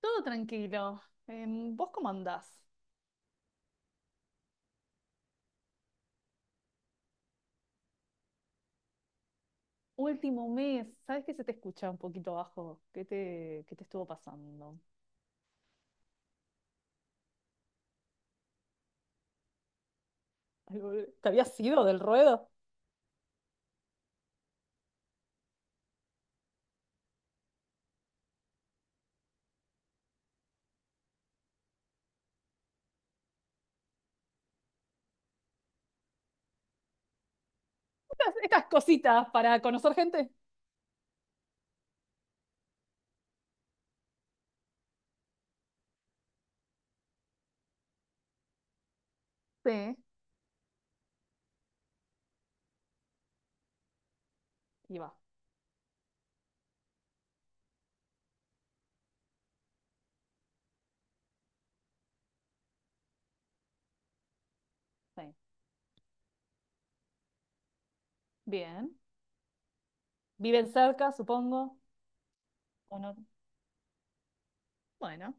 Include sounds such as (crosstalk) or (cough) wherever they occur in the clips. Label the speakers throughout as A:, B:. A: Todo tranquilo. ¿Vos cómo andás? Último mes, ¿sabes que se te escucha un poquito bajo? ¿¿Qué te estuvo pasando? ¿Te habías ido del ruedo? Estas cositas para conocer gente. Sí. Y va, sí. Bien. ¿Viven cerca, supongo? ¿O no? Bueno.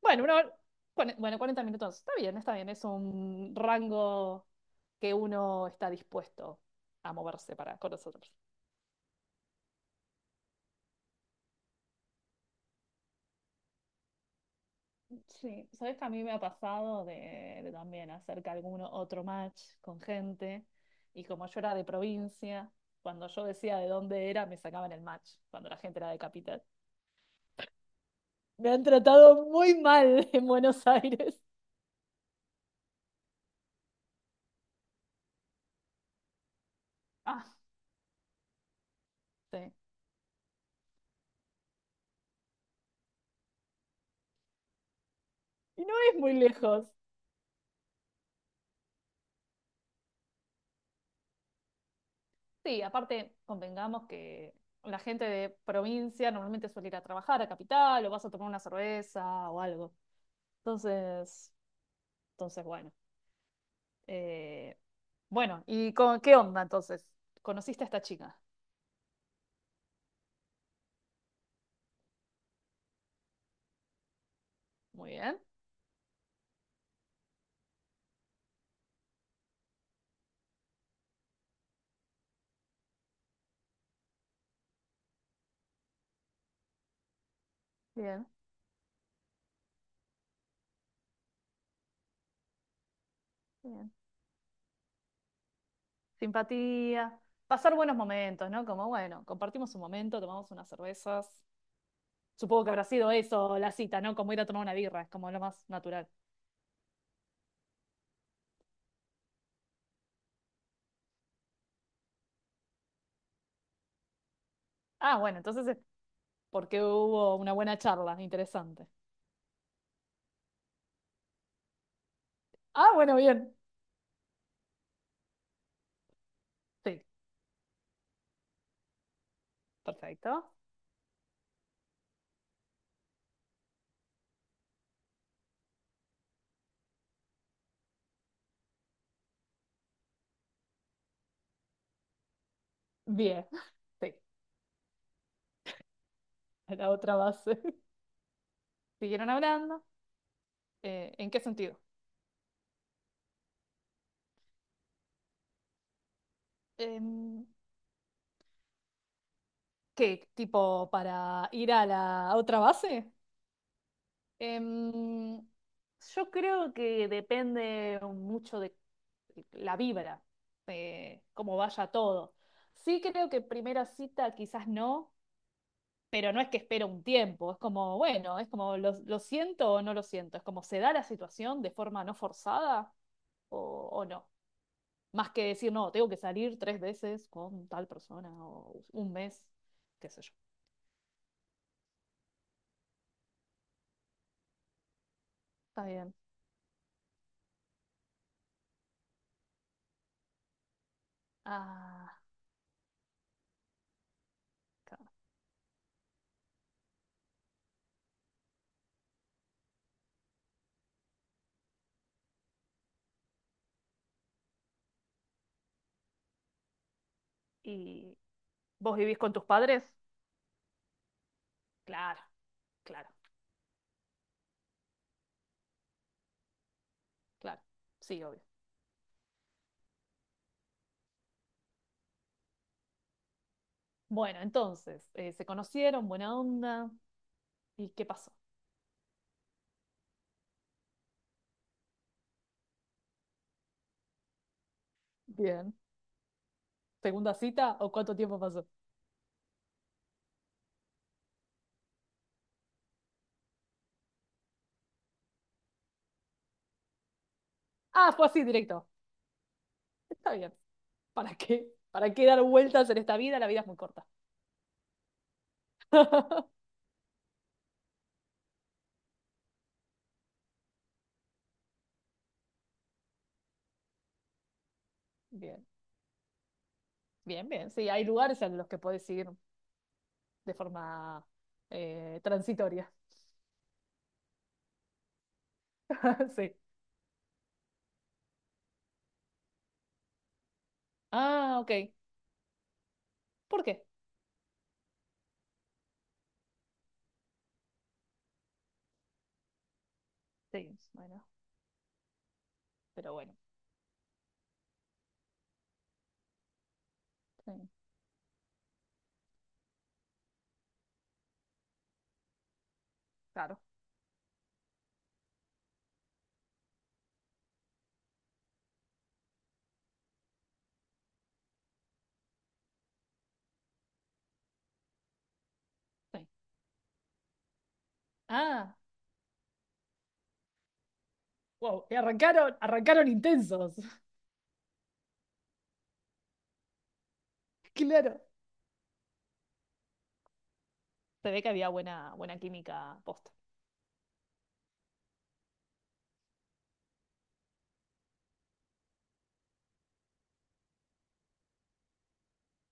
A: Bueno, una hora- bueno, 40 minutos. Está bien, está bien. Es un rango que uno está dispuesto a moverse para conocer. Sí, sabes que a mí me ha pasado de también hacer que alguno otro match con gente y como yo era de provincia, cuando yo decía de dónde era, me sacaban el match, cuando la gente era de capital. Me han tratado muy mal en Buenos Aires. Ah, sí. Y no es muy lejos. Sí, aparte, convengamos que la gente de provincia normalmente suele ir a trabajar a capital o vas a tomar una cerveza o algo. Entonces, bueno. Eh, bueno, ¿qué onda entonces? ¿Conociste a esta chica? Muy bien, bien, bien. Simpatía, pasar buenos momentos, ¿no? Como, bueno, compartimos un momento, tomamos unas cervezas. Supongo que habrá sido eso la cita, ¿no? Como ir a tomar una birra, es como lo más natural. Ah, bueno, entonces es porque hubo una buena charla, interesante. Ah, bueno, bien. Sí, perfecto. Bien, (laughs) sí, la otra base. (laughs) Siguieron hablando. ¿En qué sentido? Em, ¿Qué? ¿Tipo para ir a la otra base? Em, yo creo que depende mucho de la vibra, de cómo vaya todo. Sí creo que primera cita quizás no, pero no es que espero un tiempo, es como, bueno, es como lo siento o no lo siento, es como se da la situación de forma no forzada o no. Más que decir, no, tengo que salir 3 veces con tal persona o un mes, qué sé yo. Está bien. Ah, ¿y vos vivís con tus padres? Claro, claro, claro. Sí, obvio. Bueno, entonces, se conocieron, buena onda. ¿Y qué pasó? Bien. ¿Segunda cita o cuánto tiempo pasó? Ah, fue así directo. Está bien. ¿Para qué? ¿Para qué dar vueltas en esta vida? La vida es muy corta. (laughs) Bien, bien, bien. Sí, hay lugares a los que puedes ir de forma transitoria. (laughs) Sí. Ah, ok. ¿Por qué? Sí, bueno, pero bueno. Sí, claro. Sí. Ah, wow, y arrancaron, arrancaron intensos. (laughs) Claro. Se ve que había buena, buena química posta.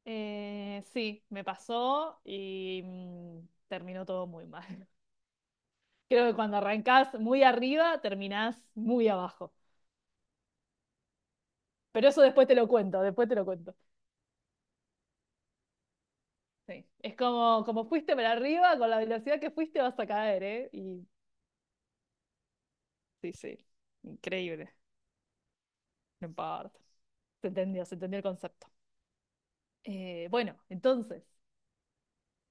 A: Sí, me pasó y mm, terminó todo muy mal. (laughs) Creo que cuando arrancás muy arriba, terminás muy abajo. Pero eso después te lo cuento, después te lo cuento. Sí. Es como, como fuiste para arriba, con la velocidad que fuiste vas a caer, ¿eh? Y sí, sí. Increíble, no importa. Se entendió el concepto. Bueno, entonces,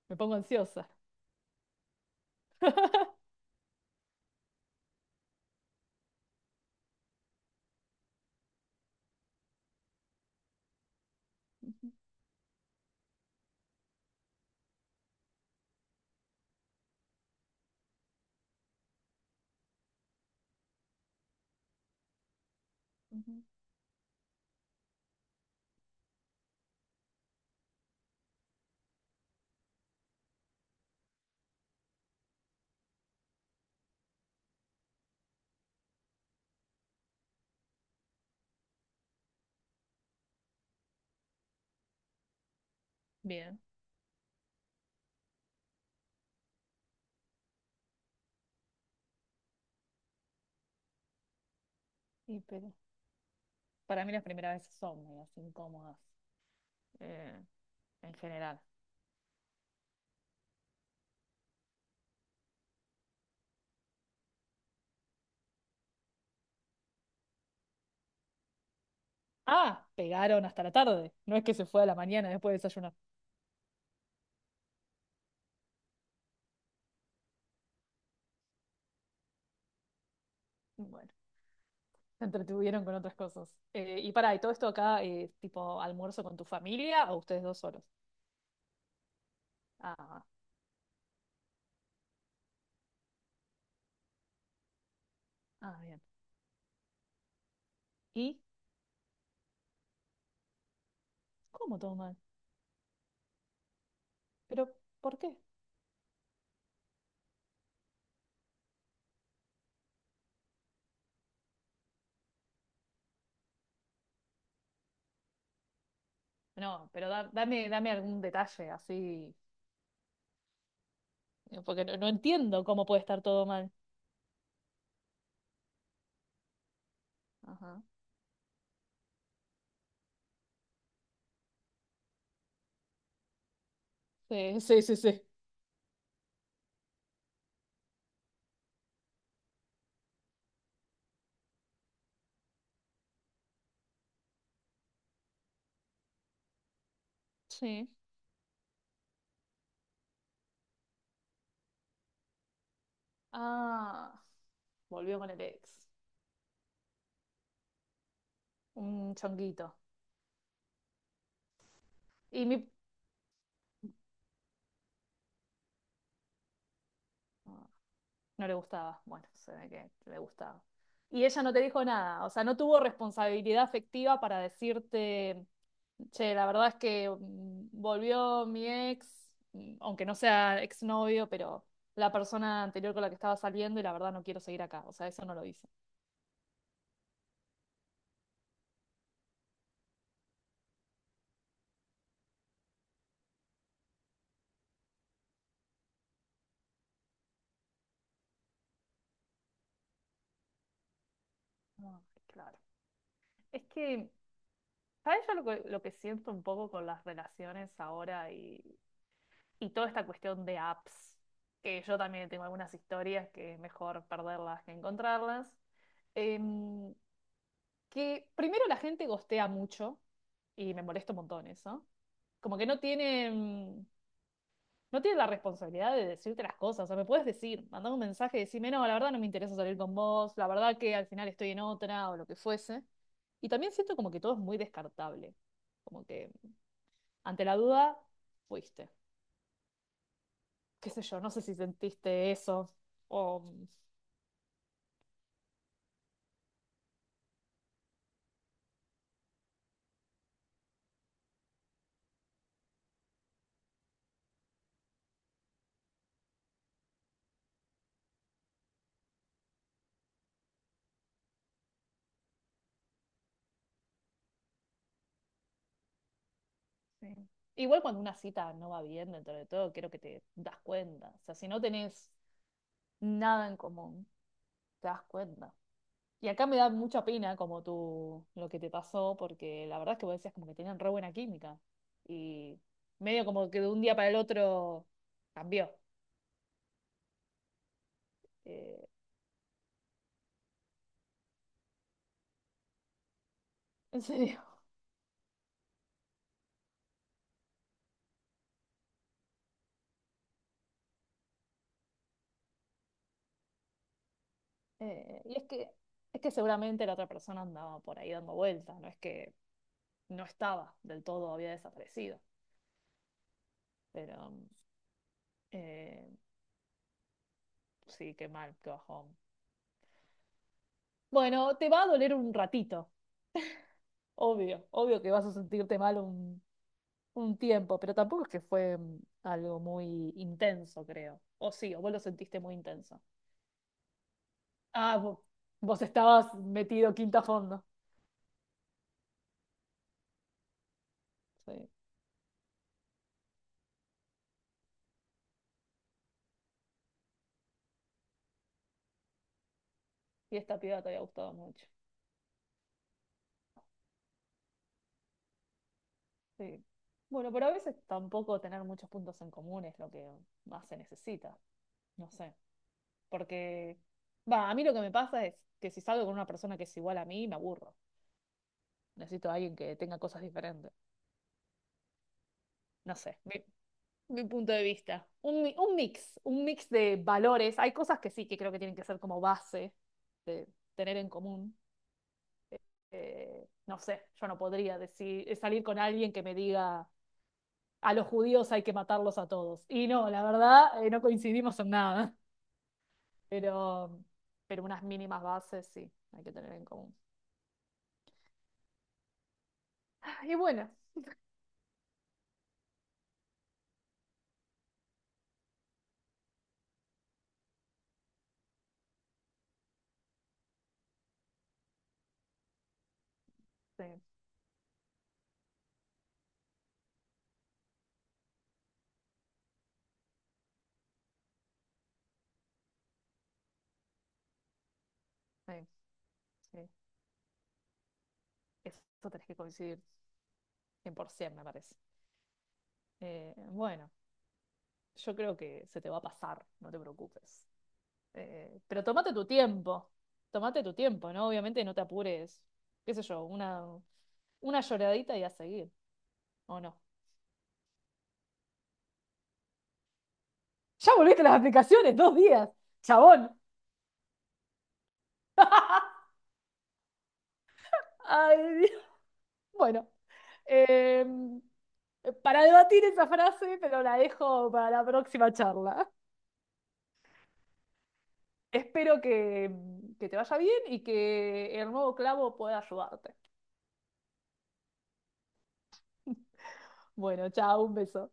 A: me pongo ansiosa. (laughs) Bien. Y pero para mí las primeras veces son medias incómodas, eh, en general. Ah, pegaron hasta la tarde. No es que se fue a la mañana después de desayunar. Bueno, se entretuvieron con otras cosas. ¿Y todo esto acá, tipo almuerzo con tu familia o ustedes dos solos? Ah, ah, bien. ¿Y cómo todo mal? ¿Pero por qué? No, pero dame, dame algún detalle así, porque no, no entiendo cómo puede estar todo mal. Ajá. Sí, sí, sí, sí. Sí. Ah, volvió con el ex. Un chonguito. Y mi... Ah, no le gustaba. Bueno, se ve que le gustaba. Y ella no te dijo nada. O sea, no tuvo responsabilidad afectiva para decirte, che, la verdad es que mm, volvió mi ex, mm, aunque no sea exnovio, pero la persona anterior con la que estaba saliendo y la verdad no quiero seguir acá. O sea, eso no lo hizo. Ah, claro. Es que, ¿sabes yo lo que siento un poco con las relaciones ahora y toda esta cuestión de apps, que yo también tengo algunas historias que es mejor perderlas que encontrarlas? Em, que primero la gente gostea mucho y me molesta un montón eso. Como que no tienen, no tienen la responsabilidad de decirte las cosas. O sea, me puedes decir, mandar un mensaje y decirme, no, la verdad no me interesa salir con vos, la verdad que al final estoy en otra o lo que fuese. Y también siento como que todo es muy descartable. Como que ante la duda, fuiste. Qué sé yo, no sé si sentiste eso. O, sí. Igual cuando una cita no va bien dentro de todo, creo que te das cuenta. O sea, si no tenés nada en común, te das cuenta. Y acá me da mucha pena como tú, lo que te pasó, porque la verdad es que vos decías como que tenían re buena química. Y medio como que de un día para el otro cambió. Eh, (laughs) en serio. Eh, y es que, es que seguramente la otra persona andaba por ahí dando vueltas, no es que no estaba del todo, había desaparecido. Pero mm, Eh, sí, qué mal, qué bajón. Bueno, te va a doler un ratito, obvio, obvio que vas a sentirte mal un tiempo, pero tampoco es que fue mm, algo muy intenso, creo. O sí, o vos lo sentiste muy intenso. Ah, vo- Vos, estabas metido quinta a fondo. Sí, y esta piba te había gustado mucho. Sí. Bueno, pero a veces tampoco tener muchos puntos en común es lo que más se necesita, no sé, porque, va, a mí lo que me pasa es que si salgo con una persona que es igual a mí, me aburro. Necesito a alguien que tenga cosas diferentes. No sé, mi punto de vista. Un mix de valores. Hay cosas que sí que creo que tienen que ser como base de tener en común. No sé, yo no podría decir, salir con alguien que me diga a los judíos hay que matarlos a todos. Y no, la verdad, no coincidimos en nada. (laughs) Pero, pero unas mínimas bases sí hay que tener en común. Y bueno, sí, sí, sí. Eso tenés que coincidir 100%, me parece. Bueno. Yo creo que se te va a pasar, no te preocupes. Pero tómate tu tiempo, ¿no? Obviamente no te apures, qué sé yo, una lloradita y a seguir, ¿o no? Ya volviste a las aplicaciones, 2 días, chabón. (laughs) Ay, Dios. Bueno, eh, para debatir esa frase, pero la dejo para la próxima charla. Espero que te vaya bien y que el nuevo clavo pueda ayudarte. Bueno, chao, un beso.